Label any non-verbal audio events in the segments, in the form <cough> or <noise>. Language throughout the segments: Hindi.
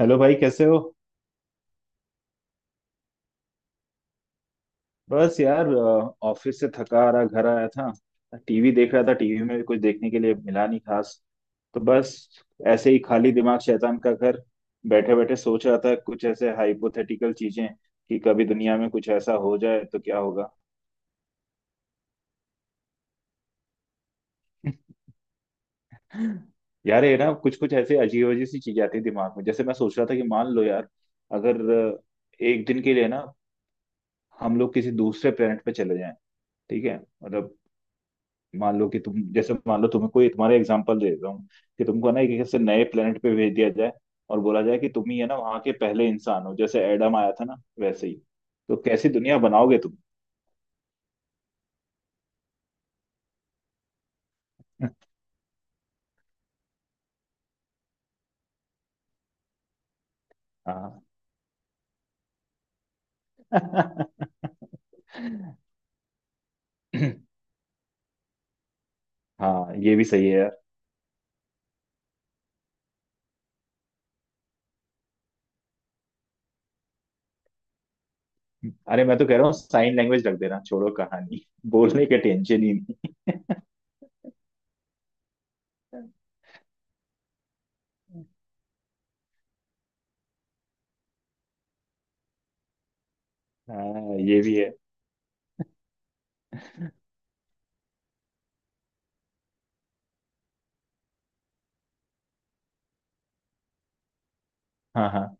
हेलो भाई, कैसे हो? बस यार ऑफिस से थका आ रहा, घर आया था। टीवी देख रहा था, टीवी में भी कुछ देखने के लिए मिला नहीं खास, तो बस ऐसे ही, खाली दिमाग शैतान का घर। बैठे बैठे सोच रहा था कुछ ऐसे हाइपोथेटिकल चीजें कि कभी दुनिया में कुछ ऐसा हो जाए तो क्या होगा। <laughs> यार ये ना कुछ कुछ ऐसे अजीब अजीब सी चीजें आती है दिमाग में, जैसे मैं सोच रहा था कि मान लो यार, अगर एक दिन के लिए ना हम लोग किसी दूसरे प्लेनेट पे चले जाएं। ठीक है, मतलब मान लो कि तुम, जैसे मान लो तुम्हें कोई, तुम्हारा एग्जांपल दे देता हूँ कि तुमको ना एक एक से नए प्लेनेट पे भेज दिया जाए और बोला जाए कि तुम ही है ना वहां के पहले इंसान हो, जैसे एडम आया था ना वैसे ही, तो कैसी दुनिया बनाओगे तुम? <laughs> हाँ। <laughs> हाँ, ये भी सही है यार। अरे, मैं तो कह रहा हूँ साइन लैंग्वेज रख देना, छोड़ो कहानी, बोलने का टेंशन ही नहीं। हाँ ये भी है। हाँ हाँ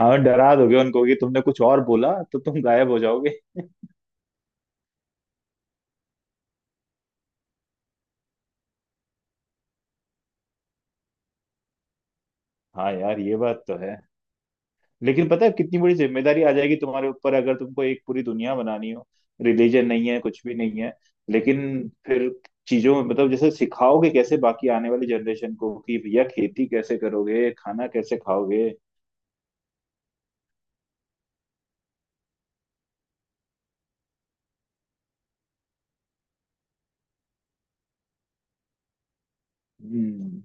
हाँ, डरा दोगे उनको कि तुमने कुछ और बोला तो तुम गायब हो जाओगे। हाँ यार, ये बात तो है। लेकिन पता है कितनी बड़ी जिम्मेदारी आ जाएगी तुम्हारे ऊपर अगर तुमको एक पूरी दुनिया बनानी हो। रिलीजन नहीं है, कुछ भी नहीं है, लेकिन फिर चीजों में, मतलब जैसे सिखाओगे कैसे बाकी आने वाली जनरेशन को कि भैया खेती कैसे करोगे, खाना कैसे खाओगे। हम्म।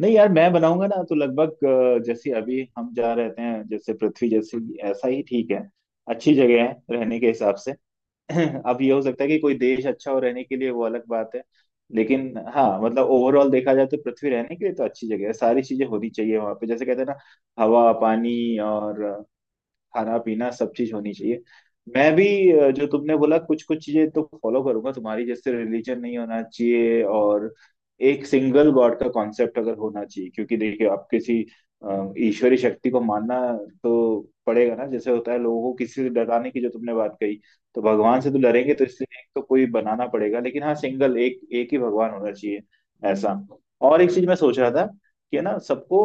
नहीं यार, मैं बनाऊंगा ना तो लगभग जैसे अभी हम जहाँ रहते हैं, जैसे पृथ्वी जैसी, ऐसा ही ठीक है। अच्छी जगह है रहने के हिसाब से। <laughs> <clears throat> अब ये हो सकता है कि कोई देश अच्छा हो रहने के लिए, वो अलग बात है, लेकिन हाँ मतलब ओवरऑल देखा जाए तो पृथ्वी रहने के लिए तो अच्छी जगह है। सारी चीजें होनी चाहिए वहां पे, जैसे कहते हैं ना, हवा पानी और खाना पीना सब चीज होनी चाहिए। मैं भी जो तुमने बोला कुछ कुछ चीजें तो फॉलो करूंगा तुम्हारी, जैसे रिलीजन नहीं होना चाहिए, और एक सिंगल गॉड का कॉन्सेप्ट अगर होना चाहिए, क्योंकि देखिए आप किसी ईश्वरी शक्ति को मानना तो पड़ेगा ना, जैसे होता है लोगों को किसी से डराने की जो तुमने बात कही, तो भगवान से तो डरेंगे, तो इसलिए एक तो कोई बनाना पड़ेगा, लेकिन हाँ सिंगल, एक एक ही भगवान होना चाहिए ऐसा। और एक चीज मैं सोच रहा था, कि है ना सबको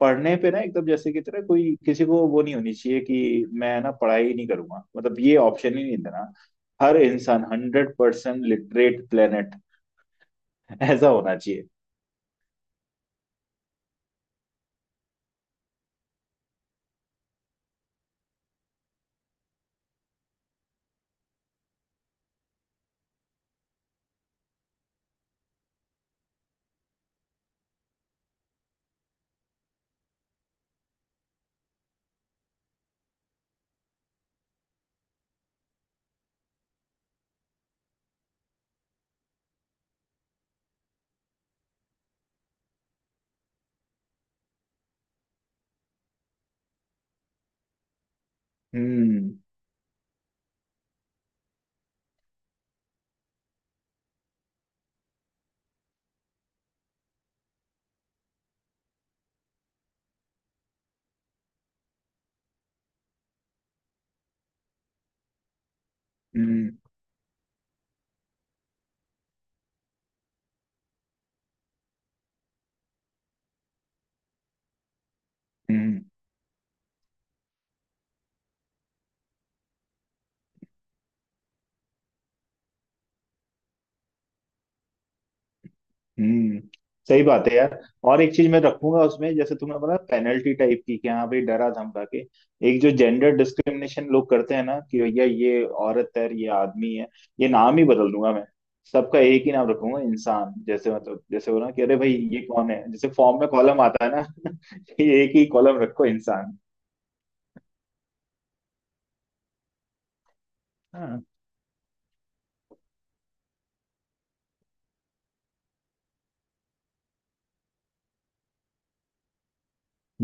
पढ़ने पे ना एकदम जैसे की तरह कोई किसी को, वो नहीं होनी चाहिए कि मैं ना पढ़ाई नहीं करूंगा, मतलब ये ऑप्शन ही नहीं देना। हर इंसान 100% लिटरेट प्लेनेट। <laughs> ऐसा होना चाहिए। हम्म। हम्म। हम्म। हम्म। सही बात है यार। और एक चीज मैं रखूंगा उसमें, जैसे तुमने बोला पेनल्टी टाइप की, कि हाँ भाई डरा धमका के एक जो जेंडर डिस्क्रिमिनेशन लोग करते हैं ना, कि भैया ये औरत है ये आदमी है, ये नाम ही बदल दूंगा मैं। सबका एक ही नाम रखूंगा, इंसान। जैसे मतलब जैसे बोला कि अरे भाई ये कौन है, जैसे फॉर्म में कॉलम आता है ना। <laughs> ये एक ही कॉलम रखो, इंसान। हाँ,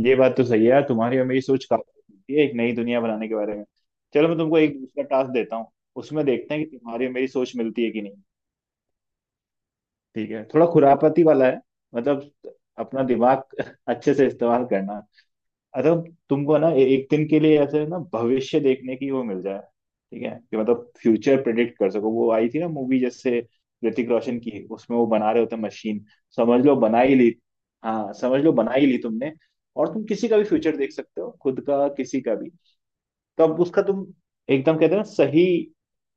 ये बात तो सही है यार, तुम्हारी और मेरी सोच काफी है एक नई दुनिया बनाने के बारे में। चलो मैं तुमको एक दूसरा टास्क देता हूँ, उसमें देखते हैं कि तुम्हारी और मेरी सोच मिलती है कि नहीं। ठीक है, थोड़ा खुरापती वाला है, मतलब अपना दिमाग <laughs> अच्छे से इस्तेमाल करना। अगर तुमको ना एक दिन के लिए ऐसे ना भविष्य देखने की वो मिल जाए, ठीक है, कि मतलब फ्यूचर प्रिडिक्ट कर सको, वो आई थी ना मूवी जैसे, ऋतिक रोशन की, उसमें वो बना रहे होते मशीन, समझ लो बना ही ली, हाँ समझ लो बना ही ली तुमने, और तुम किसी का भी फ्यूचर देख सकते हो, खुद का, किसी का भी। तो अब उसका तुम, एकदम कहते हैं ना, सही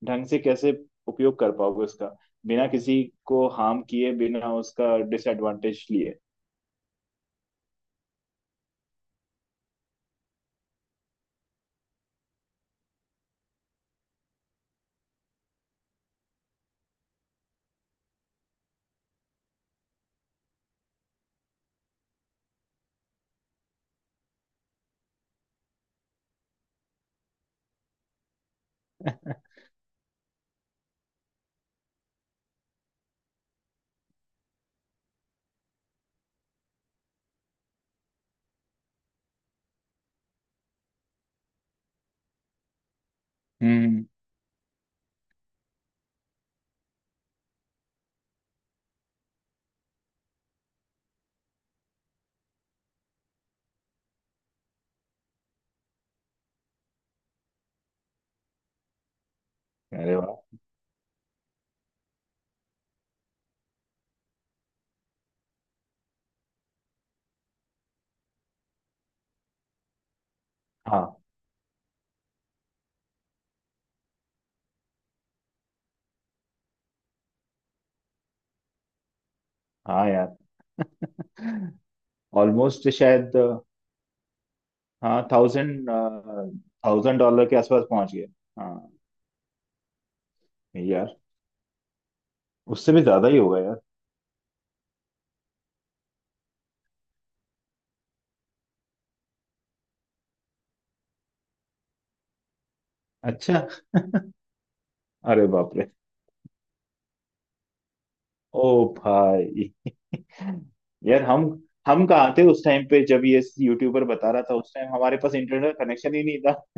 ढंग से कैसे उपयोग कर पाओगे उसका, बिना किसी को हार्म किए, बिना उसका डिसएडवांटेज लिए। <laughs> हम्म। अरे वाह। हाँ हाँ यार। <laughs> ऑलमोस्ट शायद। हाँ, थाउजेंड, डॉलर के आसपास पहुंच गए। हाँ यार, उससे भी ज्यादा ही होगा यार। अच्छा। <laughs> अरे बाप रे। ओ भाई। <laughs> यार हम कहाँ थे उस टाइम पे जब ये यूट्यूबर बता रहा था, उस टाइम हमारे पास इंटरनेट कनेक्शन ही नहीं था।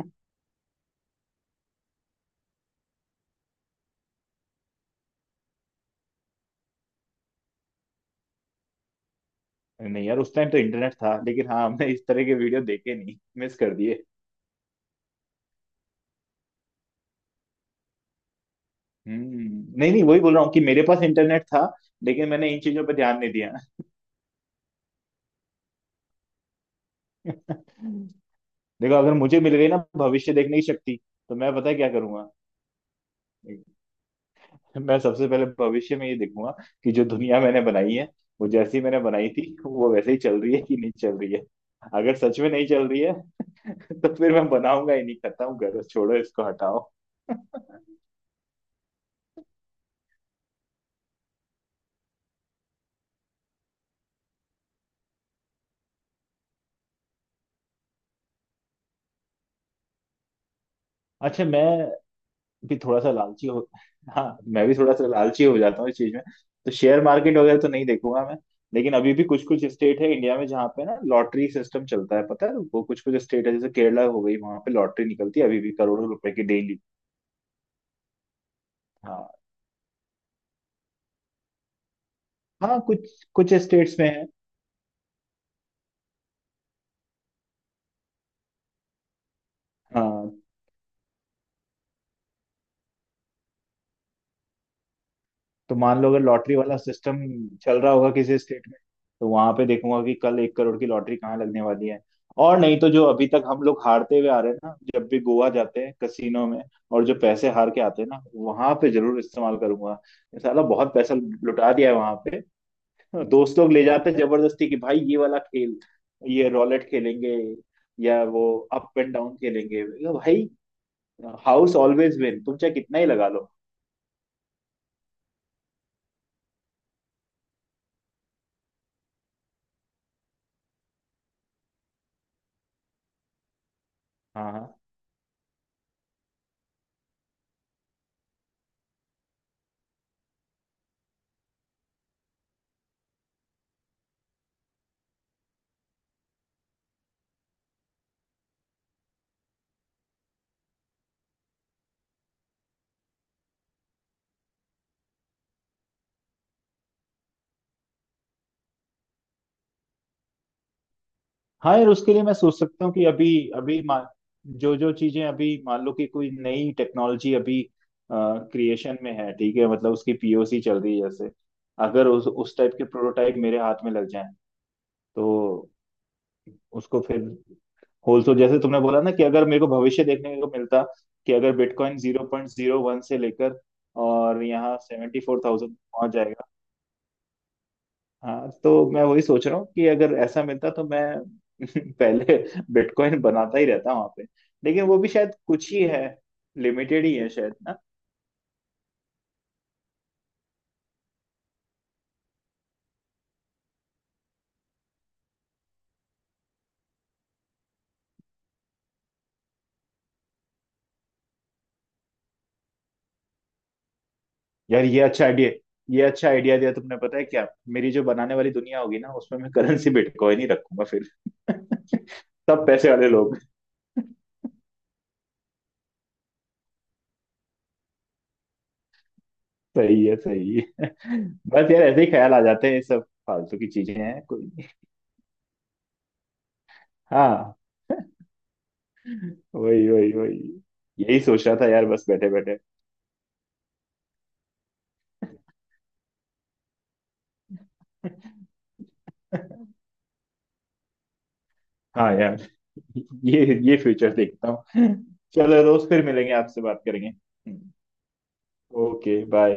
नहीं यार, उस टाइम तो इंटरनेट था, लेकिन हाँ हमने इस तरह के वीडियो देखे नहीं, मिस कर दिए। हम्म, नहीं नहीं, वही बोल रहा हूँ कि मेरे पास इंटरनेट था, लेकिन मैंने इन चीजों पर ध्यान नहीं दिया। <laughs> देखो, अगर मुझे मिल गई ना भविष्य देखने की शक्ति, तो मैं पता है क्या करूंगा। <laughs> मैं सबसे पहले भविष्य में ये देखूंगा कि जो दुनिया मैंने बनाई है, वो जैसी मैंने बनाई थी वो वैसे ही चल रही है कि नहीं चल रही है। अगर सच में नहीं चल रही है, <laughs> तो फिर मैं बनाऊंगा ही नहीं, खत्म करो, छोड़ो इसको, हटाओ। <laughs> अच्छा, मैं भी थोड़ा सा लालची हो, हाँ मैं भी थोड़ा सा लालची हो जाता हूँ इस चीज में, तो शेयर मार्केट वगैरह तो नहीं देखूंगा मैं। लेकिन अभी भी कुछ कुछ स्टेट है इंडिया में जहाँ पे ना लॉटरी सिस्टम चलता है पता है, वो कुछ कुछ स्टेट है, जैसे केरला हो गई, वहां पे लॉटरी निकलती है अभी भी करोड़ों रुपए की, डेली। हाँ, कुछ कुछ स्टेट्स में है। हाँ तो मान लो, अगर लॉटरी वाला सिस्टम चल रहा होगा किसी स्टेट में, तो वहां पे देखूंगा कि कल 1 करोड़ की लॉटरी कहाँ लगने वाली है। और नहीं तो जो अभी तक हम लोग हारते हुए आ रहे हैं ना, जब भी गोवा जाते हैं कसिनो में, और जो पैसे हार के आते हैं ना वहां पे, जरूर इस्तेमाल करूंगा। ये साला बहुत पैसा लुटा दिया है वहां पे। दोस्त लोग ले जाते हैं जबरदस्ती कि भाई ये वाला खेल, ये रोलेट खेलेंगे, या वो अप एंड डाउन खेलेंगे। मैं कहा, भाई, हाउस ऑलवेज विन, तुम चाहे कितना ही लगा लो। हाँ हाँ। हाँ यार, उसके लिए मैं सोच सकता हूँ कि अभी, अभी मा- जो जो चीजें अभी, मान लो कि कोई नई टेक्नोलॉजी अभी क्रिएशन में है, ठीक है, मतलब उसकी पीओसी चल रही है जैसे, अगर उस टाइप के प्रोटोटाइप मेरे हाथ में लग जाए तो उसको फिर होलसेल, जैसे तुमने बोला ना कि अगर मेरे को भविष्य देखने को मिलता कि अगर बिटकॉइन 0.01 से लेकर और यहाँ 74,000 पहुंच जाएगा। हाँ तो मैं वही सोच रहा हूँ कि अगर ऐसा मिलता तो मैं <laughs> पहले बिटकॉइन बनाता ही रहता वहां पे, लेकिन वो भी शायद कुछ ही है, लिमिटेड ही है शायद ना। यार ये अच्छा आइडिया, ये अच्छा आइडिया दिया तुमने। पता है क्या, मेरी जो बनाने वाली दुनिया होगी ना उसमें मैं करेंसी बिटकॉइन ही रखूंगा फिर। <laughs> सब पैसे वाले लोग। <laughs> सही है, सही है। बस यार ऐसे ही ख्याल आ जाते हैं, ये सब फालतू की चीजें हैं, कोई नहीं। हाँ, वही वही वही, यही सोच रहा था यार, बस बैठे बैठे। <laughs> हाँ यार। <laughs> ये फ्यूचर देखता हूँ। चलो दोस्त, फिर मिलेंगे, आपसे बात करेंगे। Okay bye.